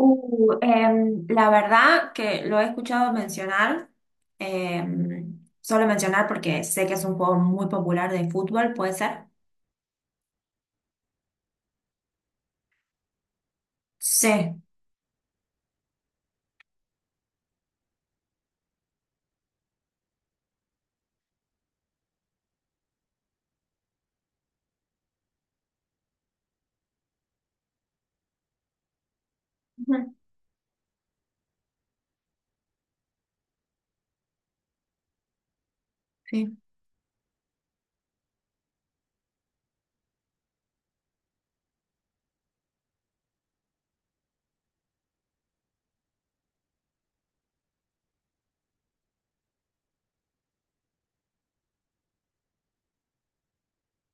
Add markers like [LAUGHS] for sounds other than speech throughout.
La verdad que lo he escuchado mencionar, solo mencionar porque sé que es un juego muy popular de fútbol, ¿puede ser? Sí. Ujú. Sí.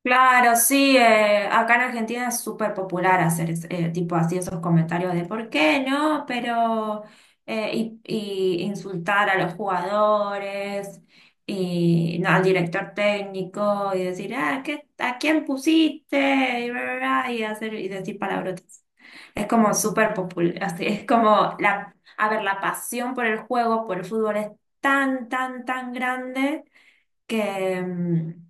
Claro, sí, acá en Argentina es súper popular hacer tipo así esos comentarios de ¿por qué no? Pero y insultar a los jugadores y no, al director técnico y decir ah, ¿qué, a quién pusiste? Y bla, bla, bla, y hacer y decir palabrotas. Es como súper popular, así es como la, a ver, la pasión por el juego, por el fútbol es tan, tan, tan grande que mm,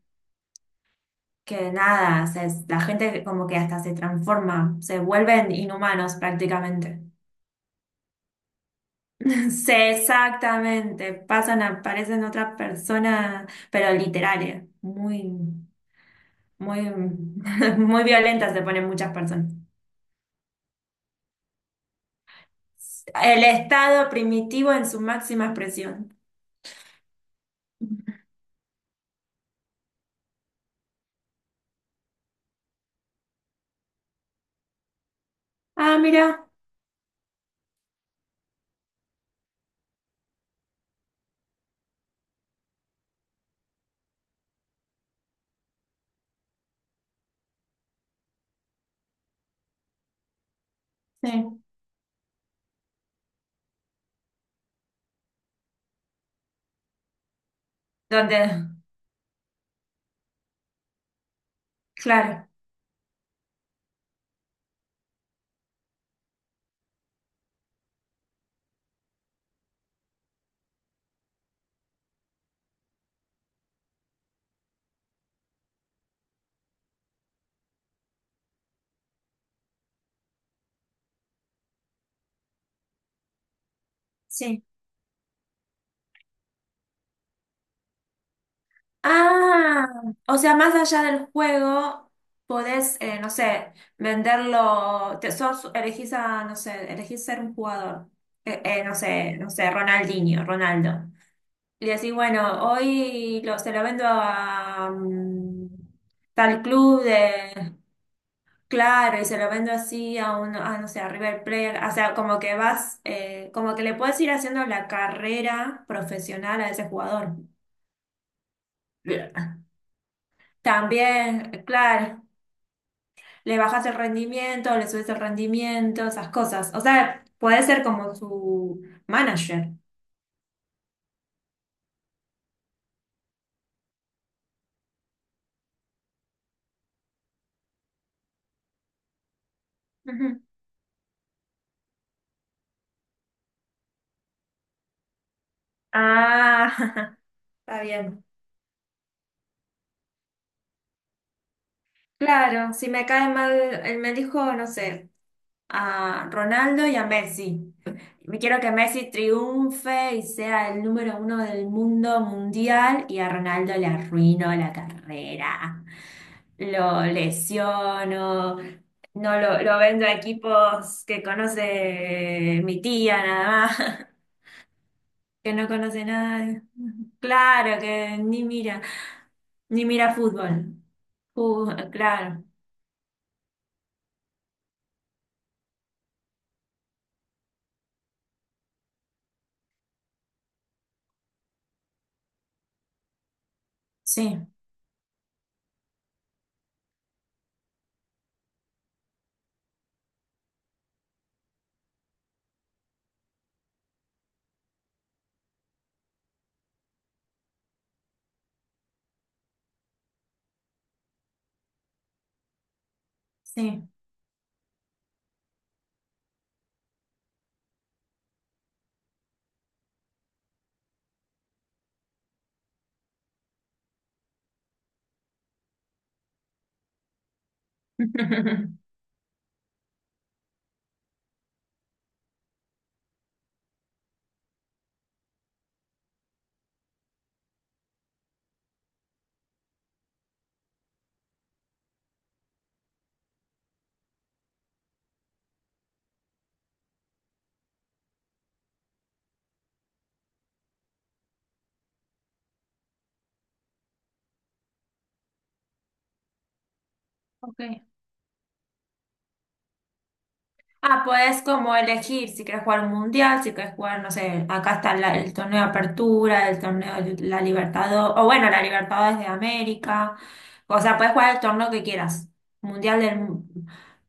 que nada, la gente como que hasta se transforma, se vuelven inhumanos prácticamente. [LAUGHS] Sí, exactamente, pasan, parecen otras personas, pero literales, muy, muy, [LAUGHS] muy violentas se ponen muchas personas. El estado primitivo en su máxima expresión. Ah, mira, sí. Donde, claro, sí. Ah, o sea, más allá del juego, podés, no sé, venderlo, te, sos, elegís a, no sé, elegís ser un jugador. No sé, no sé, Ronaldinho, Ronaldo. Y decís, bueno, se lo vendo a tal club de, claro, y se lo vendo así a un, a, no sé, a River Plate. O sea, como que vas, como que le puedes ir haciendo la carrera profesional a ese jugador. Bien. También, claro. Le bajas el rendimiento, le subes el rendimiento, esas cosas. O sea, puede ser como su manager. Ujú. Ah, [LAUGHS] está bien. Claro, si me cae mal, él me dijo, no sé, a Ronaldo y a Messi. Me quiero que Messi triunfe y sea el número uno del mundo mundial y a Ronaldo le arruino la carrera. Lo lesiono, no lo, lo vendo a equipos que conoce mi tía nada más, [LAUGHS] que no conoce nada. Claro, que ni mira, ni mira fútbol. Fu- claro, sí. Sí. [LAUGHS] Ok. Ah, puedes como elegir si quieres jugar un mundial, si quieres jugar, no sé, acá está el torneo de Apertura, el torneo de la Libertadores, o bueno, la Libertadores de América. O sea, puedes jugar el torneo que quieras. Mundial del, o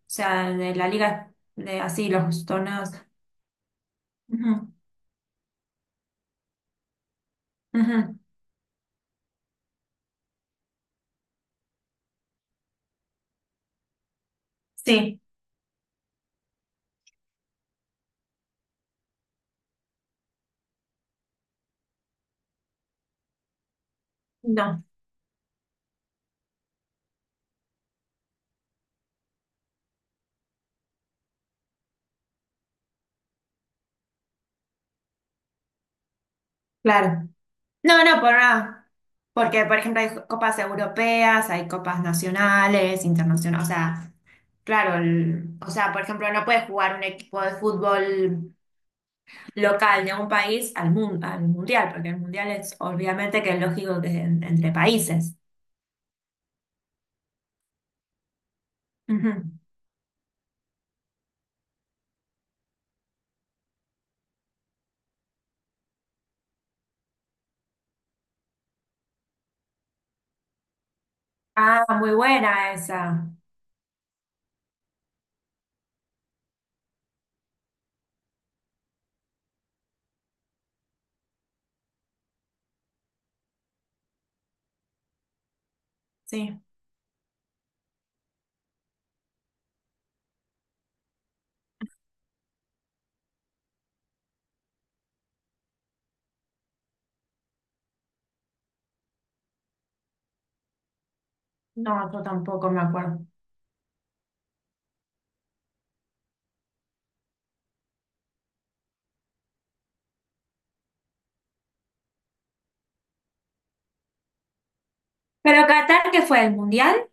sea, de la liga, de así, los torneos. Ujú, ujú. Sí, no, claro. No, no, por nada. Porque, por ejemplo, hay copas europeas, hay copas nacionales, internacionales, o sea. Claro, o sea, por ejemplo, no puede jugar un equipo de fútbol local de un país al al mundial, porque el mundial es obviamente que es lógico que es entre países. Ujú. Ah, muy buena esa. Sí, no, yo tampoco me acuerdo. Pero Qatar, ¿qué fue? ¿El mundial?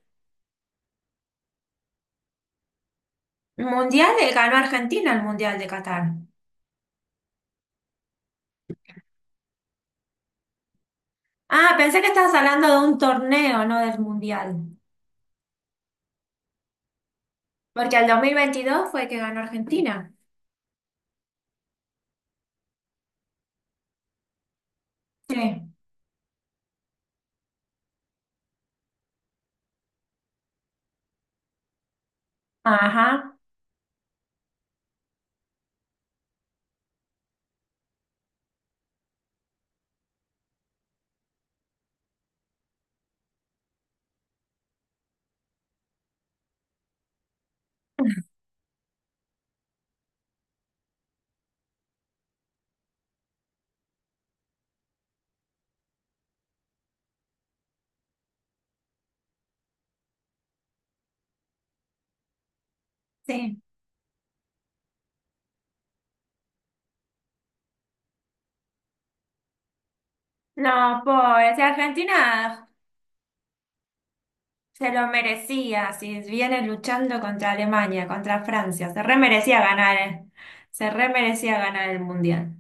El mundial ganó Argentina el mundial de Qatar. Ah, pensé que estabas hablando de un torneo, no del mundial. Porque el 2022 fue que ganó Argentina. Sí. Ajá, sí. No, pobre, si Argentina se lo merecía, si viene luchando contra Alemania, contra Francia, se re merecía ganar, eh. Se re merecía ganar el Mundial.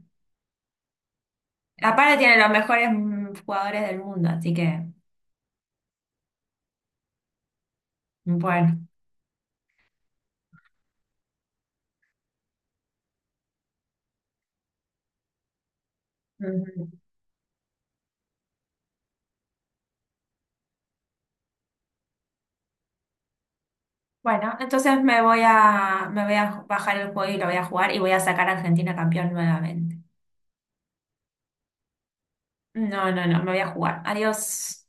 Aparte tiene los mejores jugadores del mundo, así que, bueno. Ujú. Bueno, entonces me voy a bajar el juego y lo voy a jugar y voy a sacar a Argentina campeón nuevamente. No, no, no, me voy a jugar. Adiós.